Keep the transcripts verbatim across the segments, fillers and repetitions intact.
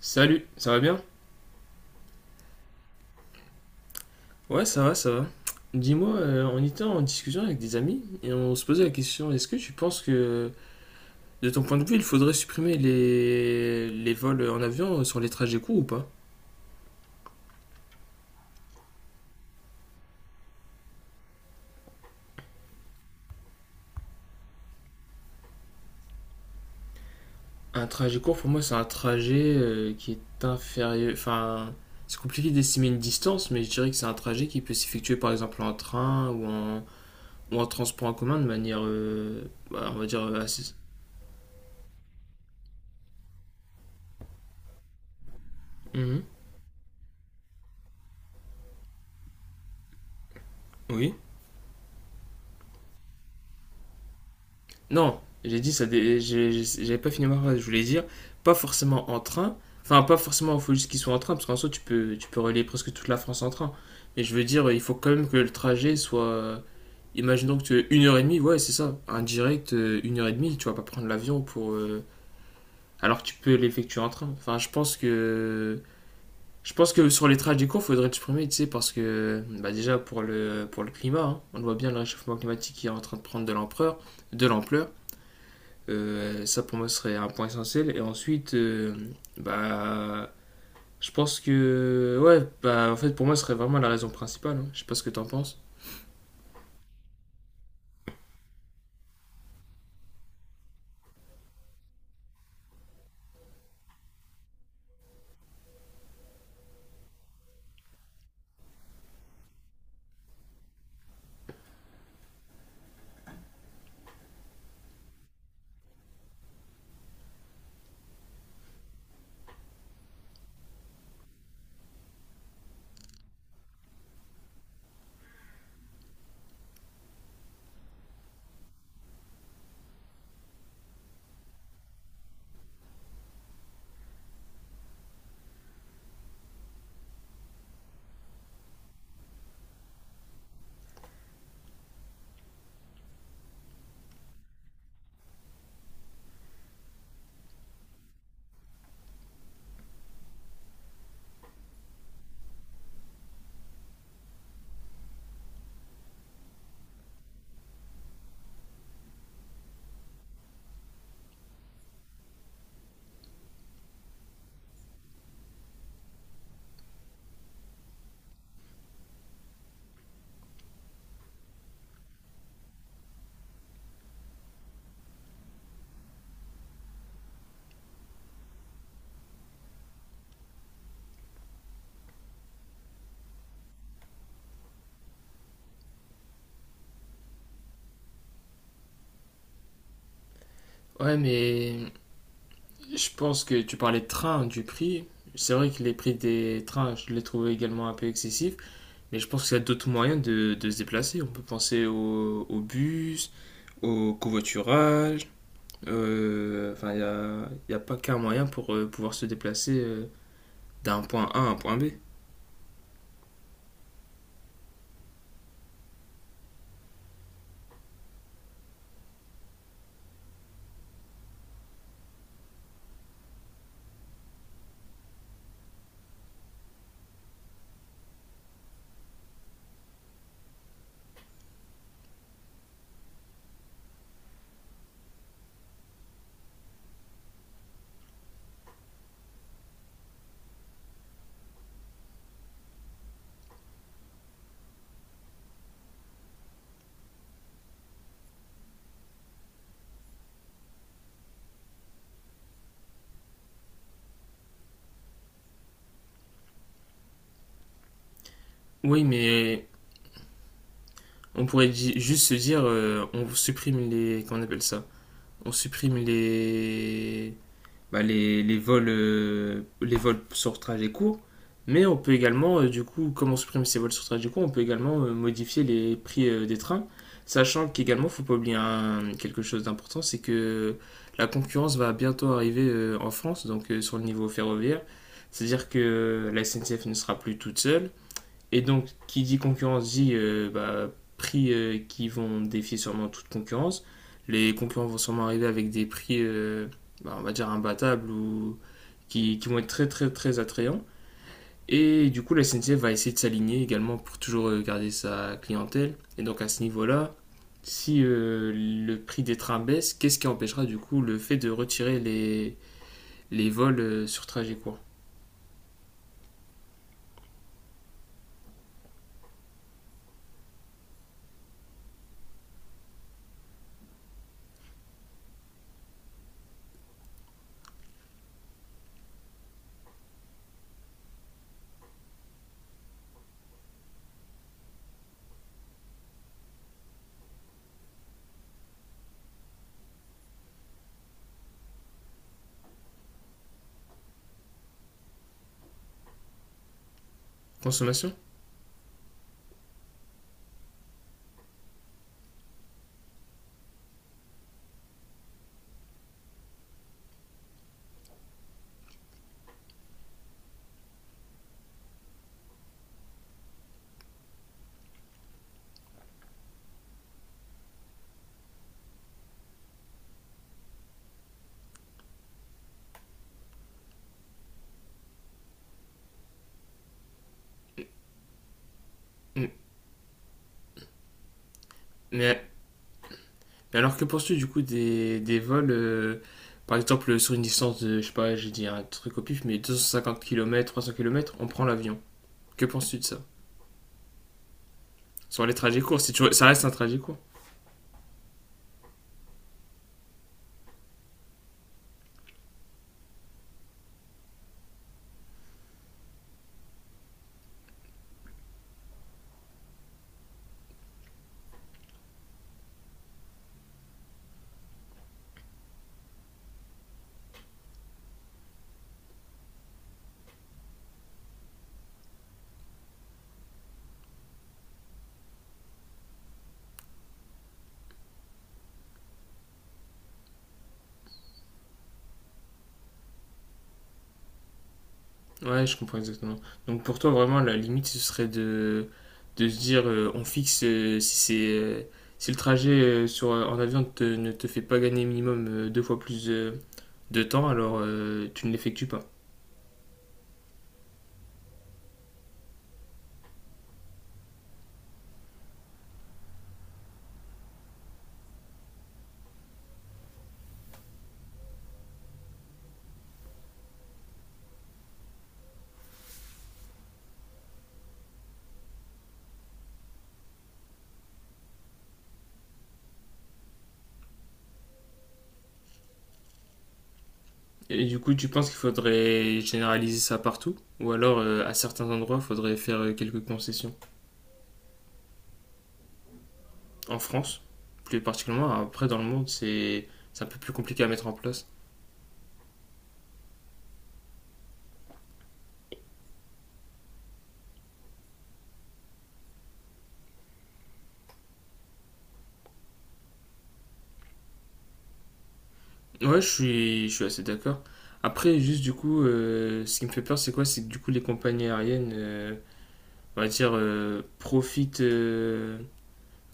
Salut, ça va bien? Ouais, ça va, ça va. Dis-moi, euh, on était en discussion avec des amis et on se posait la question, est-ce que tu penses que, de ton point de vue, il faudrait supprimer les, les vols en avion sur les trajets courts ou pas? Un trajet court, pour moi, c'est un trajet euh, qui est inférieur... Enfin, c'est compliqué d'estimer une distance, mais je dirais que c'est un trajet qui peut s'effectuer, par exemple, en train ou en, ou en transport en commun de manière, euh, bah, on va dire, euh, assez... Mhm. Oui. Non, j'ai dit ça. dé- j'ai- j'ai- J'avais pas fini ma phrase. Je voulais dire pas forcément en train. Enfin, pas forcément. Il faut juste qu'ils soient en train parce qu'en soi, tu peux, tu peux relier presque toute la France en train. Mais je veux dire, il faut quand même que le trajet soit. Imaginons que tu es une heure et demie. Ouais, c'est ça. Un direct euh, une heure et demie. Tu vas pas prendre l'avion pour. euh, Alors que tu peux l'effectuer en train. Enfin, je pense que. Je pense que sur les trajets courts, faudrait le supprimer, tu sais, parce que bah déjà pour le pour le climat, hein, on voit bien le réchauffement climatique qui est en train de prendre de l'ampleur, de l'ampleur. Euh, ça pour moi serait un point essentiel. Et ensuite, euh, bah, je pense que, ouais, bah, en fait, pour moi, ce serait vraiment la raison principale, hein. Je sais pas ce que t'en penses. Ouais, mais je pense que tu parlais de train, du prix. C'est vrai que les prix des trains, je les trouve également un peu excessifs, mais je pense qu'il y a d'autres moyens de, de se déplacer. On peut penser au, au bus, au covoiturage. euh, Enfin, il n'y a, il y a pas qu'un moyen pour euh, pouvoir se déplacer euh, d'un point A à un point B. Oui, mais on pourrait di- juste se dire, euh, on supprime les. Comment on appelle ça? On supprime les. Bah, les, les vols, euh, les vols sur trajet court. Mais on peut également, euh, du coup, comme on supprime ces vols sur trajet court, on peut également euh, modifier les prix euh, des trains. Sachant qu'également, faut pas oublier un- quelque chose d'important, c'est que la concurrence va bientôt arriver euh, en France, donc euh, sur le niveau ferroviaire. C'est-à-dire que la S N C F ne sera plus toute seule. Et donc, qui dit concurrence dit euh, bah, prix euh, qui vont défier sûrement toute concurrence. Les concurrents vont sûrement arriver avec des prix, euh, bah, on va dire, imbattables ou qui, qui vont être très très très attrayants. Et du coup, la S N C F va essayer de s'aligner également pour toujours euh, garder sa clientèle. Et donc, à ce niveau-là, si euh, le prix des trains baisse, qu'est-ce qui empêchera du coup le fait de retirer les, les vols euh, sur trajet court. Consommation. Mm. Mais Mais alors que penses-tu du coup des, des vols, euh, par exemple sur une distance de, je sais pas, j'ai dit un truc au pif, mais deux cent cinquante kilomètres, trois cents kilomètres, on prend l'avion. Que penses-tu de ça? Sur les trajets courts, si tu... ça reste un trajet court. Ouais, je comprends exactement. Donc pour toi, vraiment, la limite, ce serait de, de se dire, euh, on fixe euh, si c'est... euh, si le trajet euh, sur, euh, en avion te- ne te fait pas gagner minimum euh, deux fois plus euh, de temps, alors euh, tu ne l'effectues pas. Et du coup, tu penses qu'il faudrait généraliser ça partout? Ou alors, euh, à certains endroits, il faudrait faire euh, quelques concessions? En France, plus particulièrement, après dans le monde, c'est c'est un peu plus compliqué à mettre en place. Ouais, je suis, je suis assez d'accord. Après, juste du coup, euh, ce qui me fait peur, c'est quoi? C'est que du coup, les compagnies aériennes, euh, on va dire, euh, profitent, euh,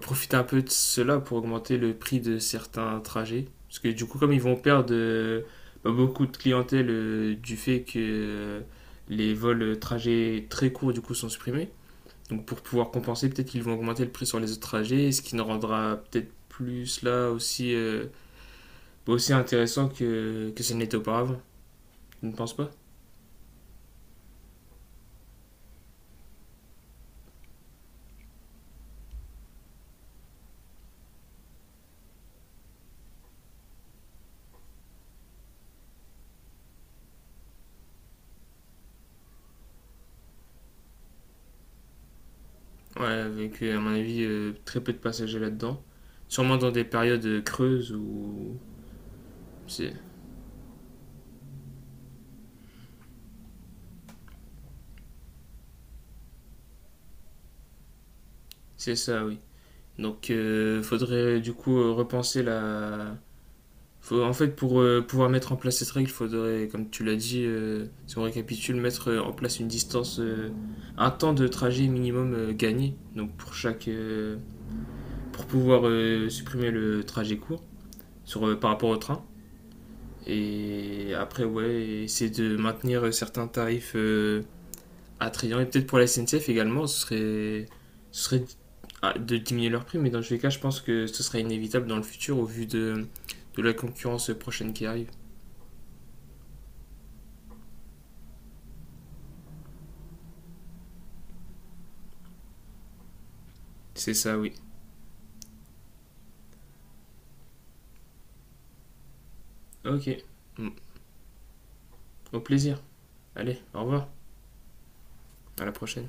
profiter un peu de cela pour augmenter le prix de certains trajets. Parce que du coup, comme ils vont perdre euh, bah, beaucoup de clientèle euh, du fait que euh, les vols euh, trajets très courts du coup sont supprimés, donc pour pouvoir compenser, peut-être qu'ils vont augmenter le prix sur les autres trajets, ce qui ne rendra peut-être plus là aussi, euh, bah, aussi intéressant que, que ce n'était auparavant. Tu ne penses pas? Ouais, avec euh, à mon avis euh, très peu de passagers là-dedans. Sûrement dans des périodes creuses où c'est c'est ça, oui. Donc, euh, faudrait euh, du coup euh, repenser la. Faut- en fait, pour euh, pouvoir mettre en place cette règle, faudrait, comme tu l'as dit, euh, si on récapitule, mettre euh, en place une distance, euh, un temps de trajet minimum euh, gagné. Donc, pour chaque, euh, pour pouvoir euh, supprimer le trajet court sur, euh, par rapport au train. Et après, ouais, essayer de maintenir euh, certains tarifs euh, attrayant. Et peut-être pour la S N C F également, ce serait, ce serait ah, de diminuer leur prix, mais dans tous les cas, je pense que ce sera inévitable dans le futur au vu de, de la concurrence prochaine qui arrive. C'est ça, oui. Ok. Mm. Au plaisir. Allez, au revoir. À la prochaine.